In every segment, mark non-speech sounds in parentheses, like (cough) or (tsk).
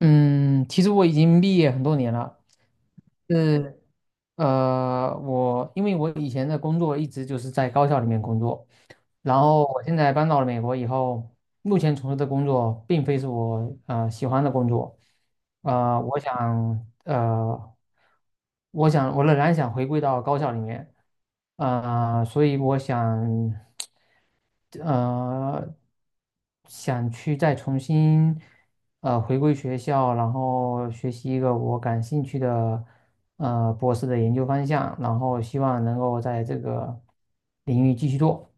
嗯，其实我已经毕业很多年了。是。因为我以前的工作一直就是在高校里面工作，然后我现在搬到了美国以后，目前从事的工作并非是我喜欢的工作，呃，我想呃，我想我仍然想回归到高校里面，所以我想。呃，想去再重新回归学校，然后学习一个我感兴趣的博士的研究方向，然后希望能够在这个领域继续做。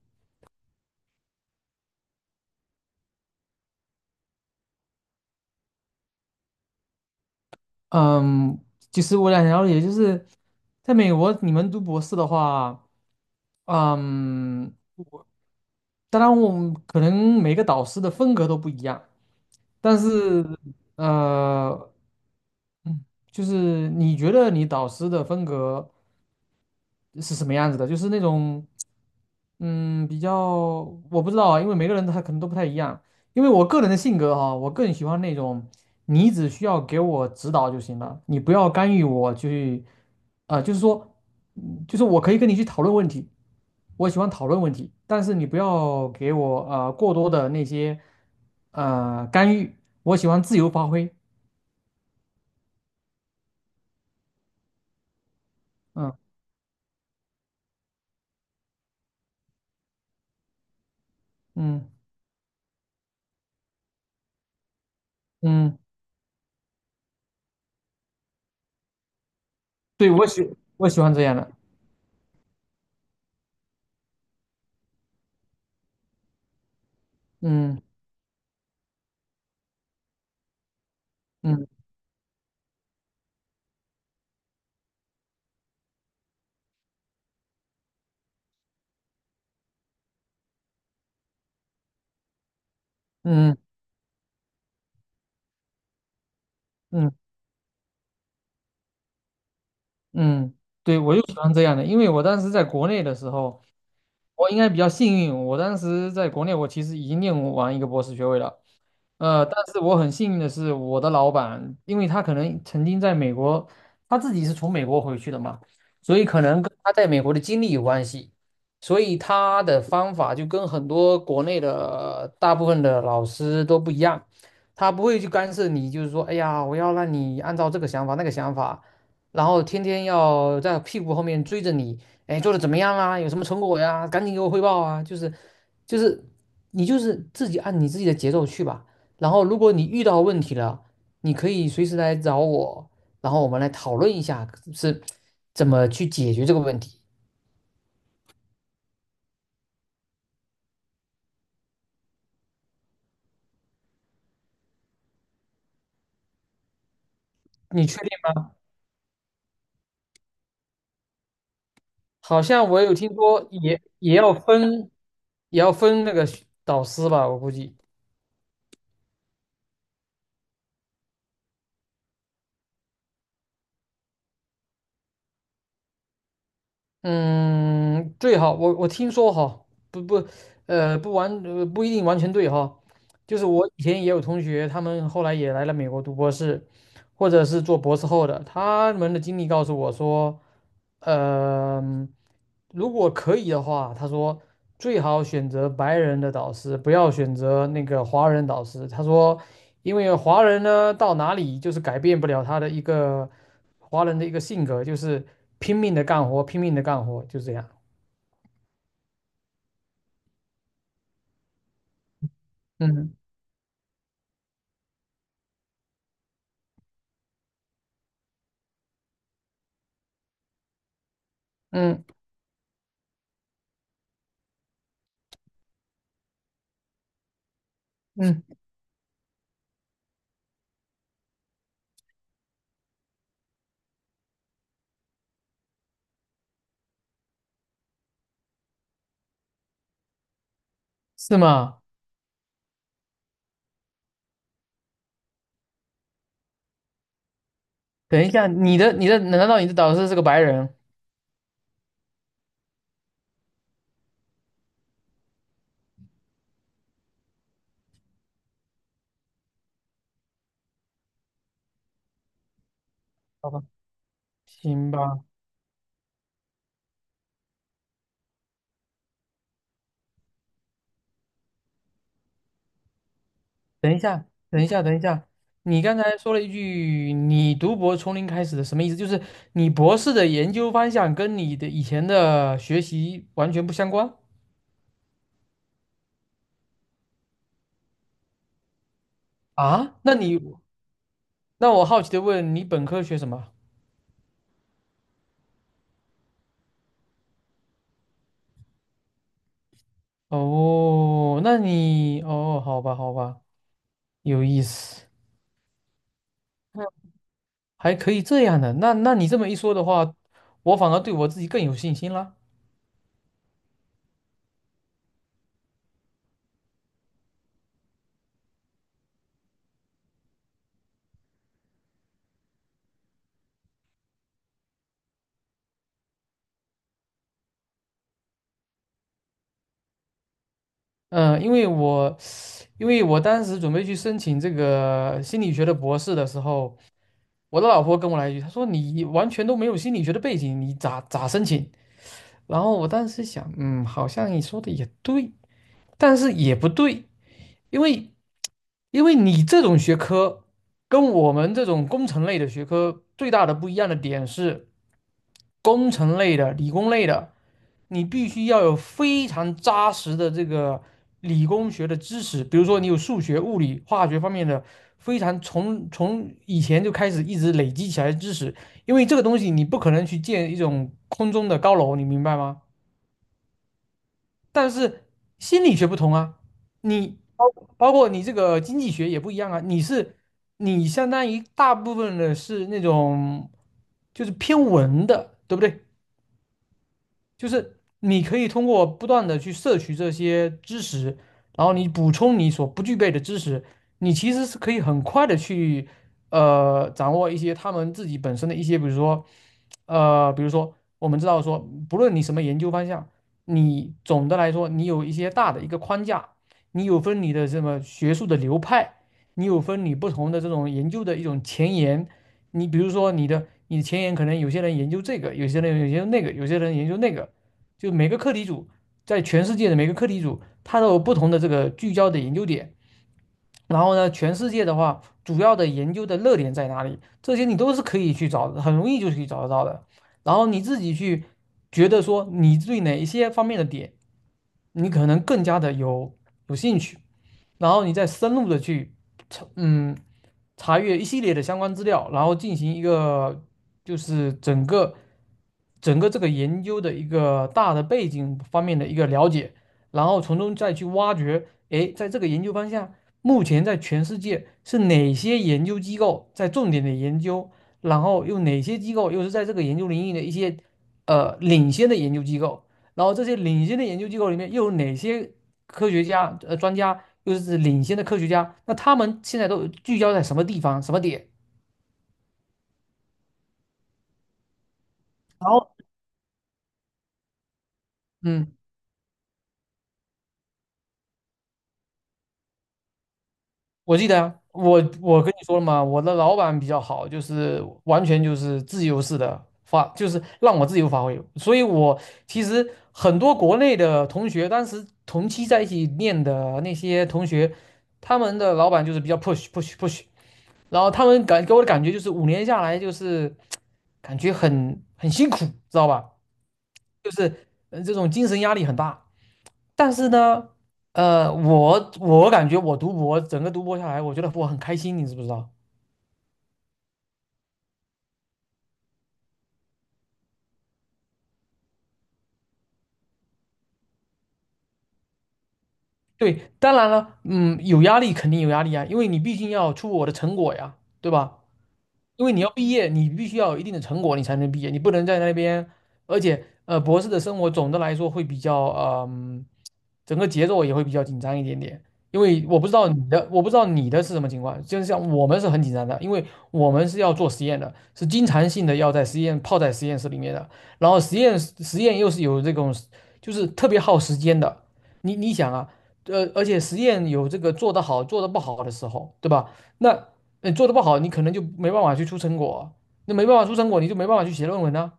嗯，其实我想了解，就是在美国你们读博士的话，嗯，当然我们可能每个导师的风格都不一样。但是呃，嗯，就是你觉得你导师的风格是什么样子的？就是那种，比较我不知道啊，因为每个人他可能都不太一样。因为我个人的性格哈，我更喜欢那种你只需要给我指导就行了，你不要干预我去，啊、就是说，就是我可以跟你去讨论问题，我喜欢讨论问题，但是你不要给我过多的那些干预，我喜欢自由发挥。嗯嗯嗯，对，我喜欢这样的。嗯嗯嗯嗯嗯，对，我就喜欢这样的，因为我当时在国内的时候，我应该比较幸运，我当时在国内我其实已经念完一个博士学位了，但是我很幸运的是，我的老板，因为他可能曾经在美国，他自己是从美国回去的嘛，所以可能跟他在美国的经历有关系，所以他的方法就跟很多国内的大部分的老师都不一样，他不会去干涉你，就是说，哎呀，我要让你按照这个想法那个想法，然后天天要在屁股后面追着你，哎，做的怎么样啊？有什么成果呀？赶紧给我汇报啊！就是，你就是自己按你自己的节奏去吧。然后如果你遇到问题了，你可以随时来找我，然后我们来讨论一下是怎么去解决这个问题。你确定吗？好像我有听说也要分，也要分那个导师吧，我估计。嗯，最好我听说哈，不不，呃，不完，呃不一定完全对哈。就是我以前也有同学，他们后来也来了美国读博士，或者是做博士后的，他们的经历告诉我说。嗯，如果可以的话，他说最好选择白人的导师，不要选择那个华人导师。他说，因为华人呢到哪里就是改变不了他的一个华人的一个性格，就是拼命的干活，拼命的干活，就这样。嗯嗯嗯，是吗？等一下，你的你的难道你的导师是个白人？好吧，行吧。等一下，等一下，等一下，你刚才说了一句“你读博从零开始”的，什么意思？就是你博士的研究方向跟你的以前的学习完全不相关啊？那我好奇的问，你本科学什么？哦，哦，好吧，好吧，有意思，嗯还可以这样的。那你这么一说的话，我反而对我自己更有信心了。嗯，因为我当时准备去申请这个心理学的博士的时候。我的老婆跟我来一句，她说你完全都没有心理学的背景，你咋申请？然后我当时想，好像你说的也对，但是也不对，因为因为你这种学科跟我们这种工程类的学科最大的不一样的点是，工程类的、理工类的。你必须要有非常扎实的这个理工学的知识，比如说你有数学、物理、化学方面的非常从以前就开始一直累积起来的知识，因为这个东西你不可能去建一种空中的高楼，你明白吗？但是心理学不同啊，你包括你这个经济学也不一样啊，你相当于大部分的是那种就是偏文的，对不对？就是你可以通过不断的去摄取这些知识，然后你补充你所不具备的知识，你其实是可以很快的去掌握一些他们自己本身的一些，比如说我们知道说，不论你什么研究方向，你总的来说你有一些大的一个框架，你有分你的什么学术的流派，你有分你不同的这种研究的一种前沿。你比如说你的前沿可能有些人研究这个，有些人研究那个，有些人研究那个，就每个课题组在全世界的每个课题组，它都有不同的这个聚焦的研究点。然后呢，全世界的话，主要的研究的热点在哪里？这些你都是可以去找的，很容易就可以找得到的。然后你自己去觉得说，你对哪一些方面的点，你可能更加的有兴趣，然后你再深入的去，嗯，查阅一系列的相关资料，然后进行一个就是整个这个研究的一个大的背景方面的一个了解，然后从中再去挖掘，诶，在这个研究方向，目前在全世界是哪些研究机构在重点的研究，然后又哪些机构又是在这个研究领域的一些领先的研究机构，然后这些领先的研究机构里面又有哪些科学家专家，又是领先的科学家，那他们现在都聚焦在什么地方、什么点？然后嗯，我记得啊我跟你说了嘛，我的老板比较好，就是完全就是自由式的发，就是让我自由发挥。所以我其实很多国内的同学，当时同期在一起念的那些同学，他们的老板就是比较 push push push，然后他们给我的感觉就是5年下来就是 (tsk) 感觉很辛苦，知道吧？就是这种精神压力很大。但是呢，我感觉我读博整个读博下来，我觉得我很开心，你知不知道？对，当然了，有压力肯定有压力啊，因为你毕竟要出我的成果呀，对吧？因为你要毕业，你必须要有一定的成果，你才能毕业，你不能在那边。而且，博士的生活总的来说会比较，嗯、整个节奏也会比较紧张一点点。因为我不知道你的是什么情况，就像我们是很紧张的，因为我们是要做实验的，是经常性的要在实验泡在实验室里面的，然后实验又是有这种，就是特别耗时间的。你想啊，而且实验有这个做得好做得不好的时候，对吧？那。你做的不好，你可能就没办法去出成果，那没办法出成果，你就没办法去写论文啊，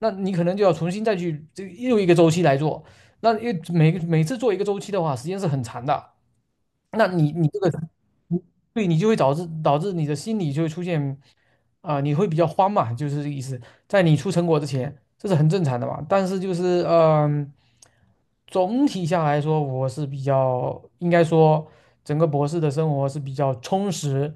那你可能就要重新再去这又一个周期来做，那因为每次做一个周期的话，时间是很长的。那你这个，你对你就会导致你的心理就会出现啊、你会比较慌嘛，就是这个意思。在你出成果之前，这是很正常的嘛。但是就是总体下来说，我是比较应该说整个博士的生活是比较充实。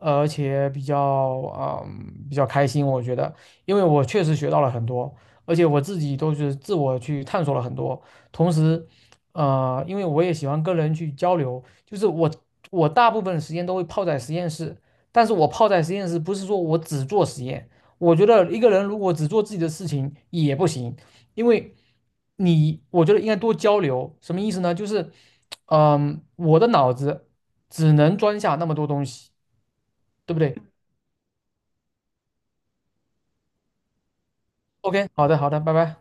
而且比较开心，我觉得，因为我确实学到了很多，而且我自己都是自我去探索了很多。同时，因为我也喜欢跟人去交流，就是我大部分时间都会泡在实验室，但是我泡在实验室不是说我只做实验，我觉得一个人如果只做自己的事情也不行，因为我觉得应该多交流，什么意思呢？就是我的脑子只能装下那么多东西。对不对？OK，好的，好的，拜拜。